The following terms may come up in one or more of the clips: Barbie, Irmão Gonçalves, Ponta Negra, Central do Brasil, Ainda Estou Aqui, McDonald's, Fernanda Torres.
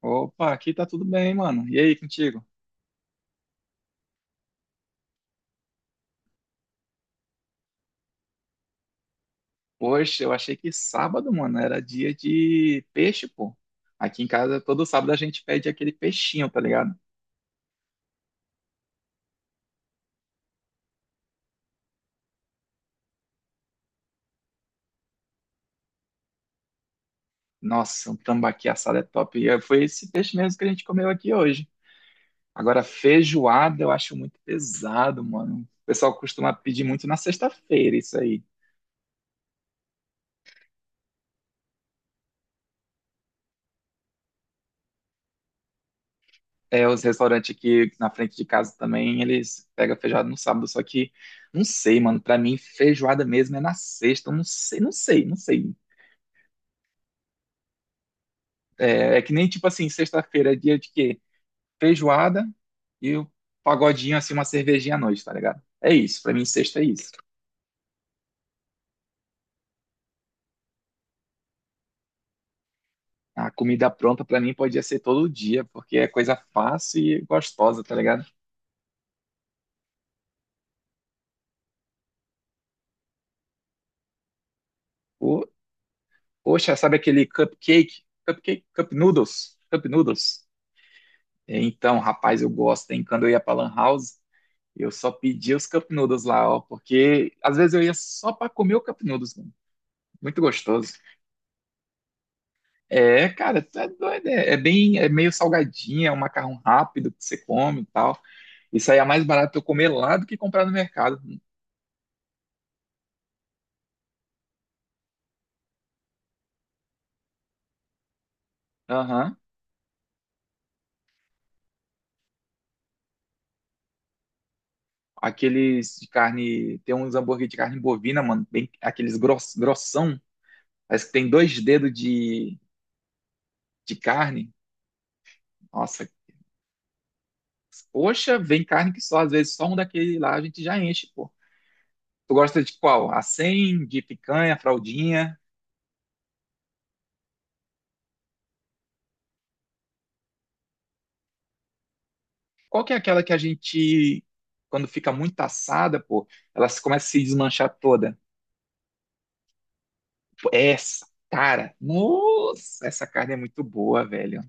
Opa, aqui tá tudo bem, mano. E aí, contigo? Poxa, eu achei que sábado, mano, era dia de peixe, pô. Aqui em casa, todo sábado a gente pede aquele peixinho, tá ligado? Nossa, um tambaqui assado é top. E foi esse peixe mesmo que a gente comeu aqui hoje. Agora, feijoada eu acho muito pesado, mano. O pessoal costuma pedir muito na sexta-feira isso aí. É, os restaurantes aqui na frente de casa também, eles pegam feijoada no sábado, só que não sei, mano. Pra mim, feijoada mesmo é na sexta. Eu não sei, não sei, não sei. É, é que nem tipo assim, sexta-feira é dia de quê? Feijoada e o pagodinho, assim, uma cervejinha à noite, tá ligado? É isso, pra mim sexta é isso. A comida pronta pra mim podia ser todo dia, porque é coisa fácil e gostosa, tá ligado? O, poxa, sabe aquele cupcake? Cupcake? Cup noodles? Cup noodles? É, então, rapaz, eu gosto, hein? Quando eu ia pra Lan House, eu só pedia os cup noodles lá, ó, porque às vezes eu ia só pra comer o cup noodles, mano. Muito gostoso. É, cara, tu é doido. É, é bem, é meio salgadinha, é um macarrão rápido que você come e tal. Isso aí é mais barato eu comer lá do que comprar no mercado. Aham. Aqueles de carne, tem uns hambúrguer de carne bovina, mano, bem, aqueles grossão. Parece que tem dois dedos de carne. Nossa, poxa, vem carne que só, às vezes só um daquele lá a gente já enche, pô. Tu gosta de qual? A 100, de picanha, fraldinha? Qual que é aquela que a gente, quando fica muito assada, pô, ela começa a se desmanchar toda? Pô, essa, cara, nossa, essa carne é muito boa, velho.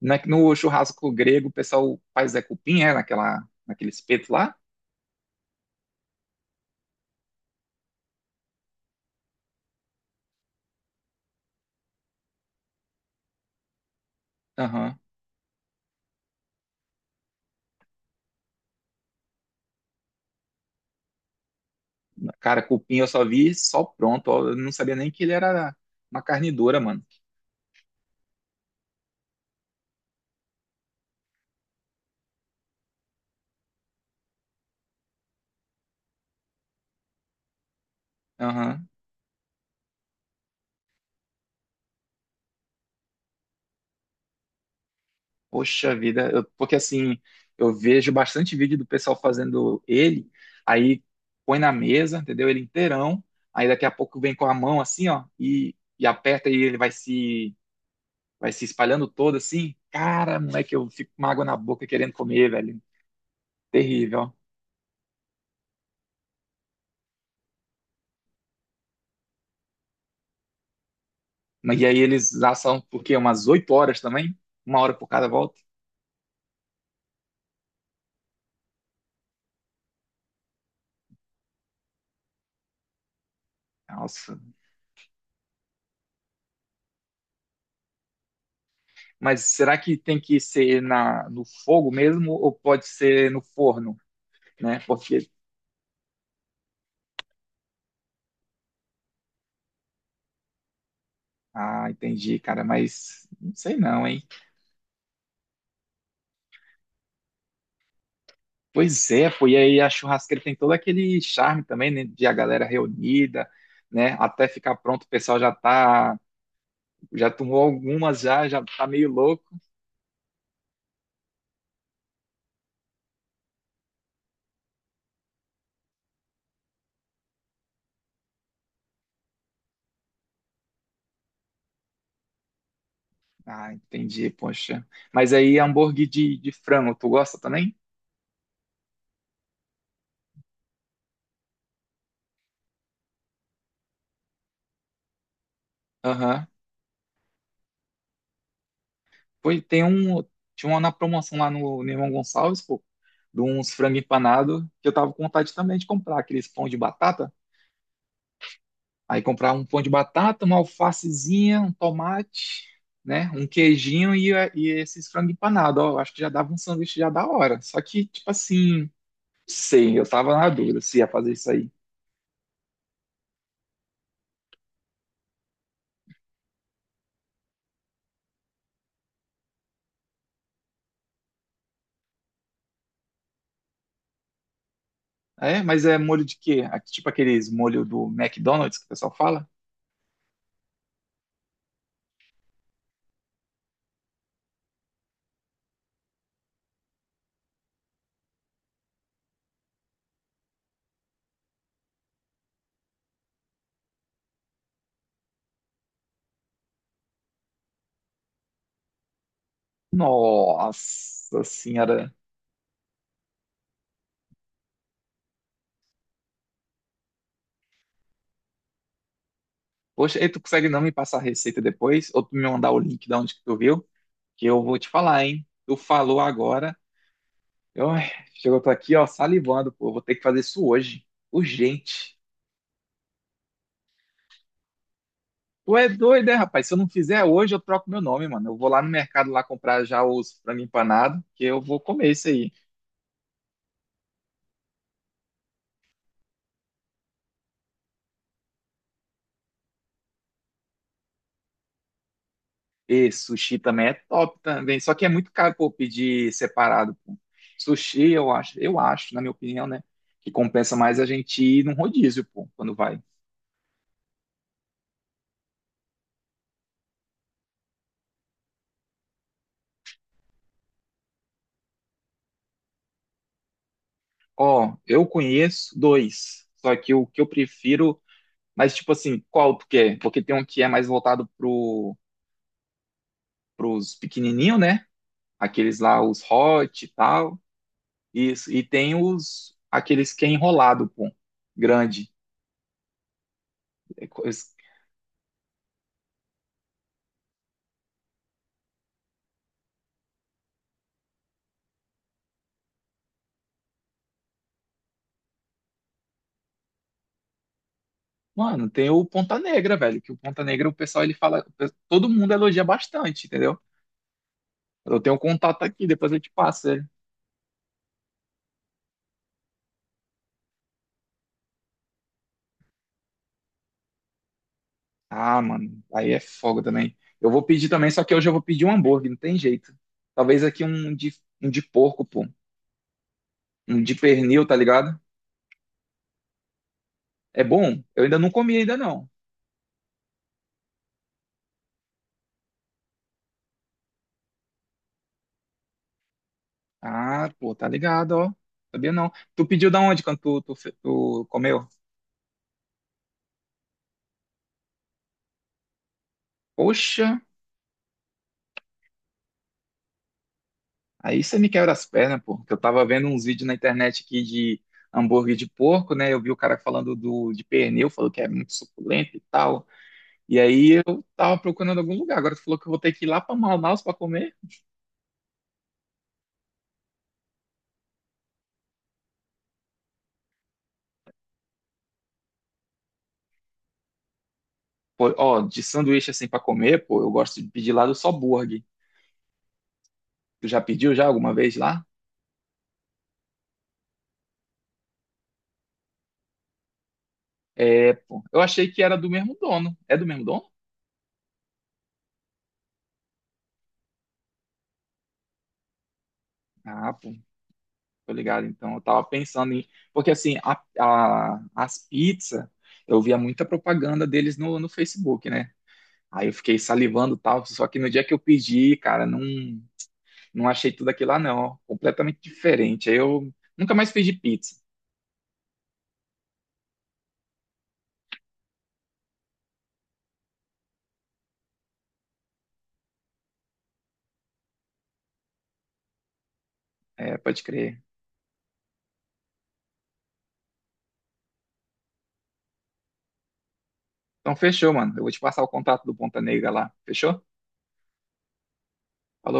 No churrasco grego, o pessoal faz é cupim, é, naquela, naquele espeto lá? Aham. Cara, cupim eu só vi só pronto, ó, eu não sabia nem que ele era uma carne dura, mano. Aham. Poxa vida, eu- porque assim, eu vejo bastante vídeo do pessoal fazendo ele, aí põe na mesa, entendeu? Ele inteirão, aí daqui a pouco vem com a mão assim, ó, e aperta e ele vai se espalhando todo assim. Cara, moleque, eu fico com uma água na boca querendo comer, velho. Terrível, ó. Mas e aí eles assam, por quê? Umas oito horas também? Uma hora por cada volta? Nossa. Mas será que tem que ser na, no fogo mesmo ou pode ser no forno? Né? Porque. Ah, entendi, cara, mas não sei não, hein? Pois é, pô, e aí a churrasqueira tem todo aquele charme também, né, de a galera reunida, né? Até ficar pronto, o pessoal já tá, já tomou algumas já, já tá meio louco. Ah, entendi, poxa. Mas aí hambúrguer de frango, tu gosta também? Aham. Pois tem um, tinha uma na promoção lá no, Irmão Gonçalves, pô, de uns frango empanado, que eu tava com vontade também de comprar, aqueles pão de batata. Aí comprar um pão de batata, uma alfacezinha, um tomate, né? Um queijinho e esses frango empanado. Ó, eu acho que já dava um sanduíche já da hora. Só que, tipo assim, não sei, eu tava na dúvida se ia fazer isso aí. É, mas é molho de quê? Aqui, tipo aqueles molho do McDonald's que o pessoal fala? Nossa senhora. Poxa, e tu consegue não me passar a receita depois? Ou tu me mandar o link de onde que tu viu? Que eu vou te falar, hein? Tu falou agora. Eu, ai, chegou, eu tô aqui, ó, salivando, pô. Eu vou ter que fazer isso hoje. Urgente. Tu é doido, é, rapaz? Se eu não fizer hoje, eu troco meu nome, mano. Eu vou lá no mercado lá comprar já os frango empanado, que eu vou comer isso aí. E sushi também é top também. Só que é muito caro, pô, pedir separado, pô. Sushi, eu acho, na minha opinião, né? Que compensa mais a gente ir num rodízio, pô, quando vai. Ó, eu conheço dois. Só que o que eu prefiro. Mas, tipo assim, qual tu quer? Porque tem um que é mais voltado pros pequenininhos, né? Aqueles lá, os hot e tal. Isso. E tem os aqueles que é enrolado, pô. Grande. É co- es- Mano, tem o Ponta Negra, velho. Que o Ponta Negra, o pessoal, ele fala. Todo mundo elogia bastante, entendeu? Eu tenho um contato aqui, depois eu te passo ele. Ah, mano, aí é fogo também. Eu vou pedir também, só que hoje eu vou pedir um hambúrguer, não tem jeito. Talvez aqui um de porco, pô. Um de pernil, tá ligado? É bom? Eu ainda não comi ainda não. Ah, pô, tá ligado, ó. Sabia não. Tu pediu da onde quando tu comeu? Poxa, aí você me quebra as pernas, pô. Que eu tava vendo uns vídeos na internet aqui de hambúrguer de porco, né? Eu vi o cara falando do, de pernil, falou que é muito suculento e tal. E aí eu tava procurando algum lugar. Agora tu falou que eu vou ter que ir lá pra Manaus pra comer. Pô, ó, de sanduíche assim pra comer, pô, eu gosto de pedir lá do Só Burger. Tu já pediu já alguma vez lá? É, pô. Eu achei que era do mesmo dono. É do mesmo dono? Ah, pô. Tô ligado, então eu tava pensando em. Porque assim, as pizzas, eu via muita propaganda deles no, Facebook, né? Aí eu fiquei salivando e tal, só que no dia que eu pedi, cara, não, não achei tudo aquilo lá, não. Ó, completamente diferente. Aí eu nunca mais pedi pizza. É, pode crer. Então fechou, mano. Eu vou te passar o contato do Ponta Negra lá. Fechou? Falou.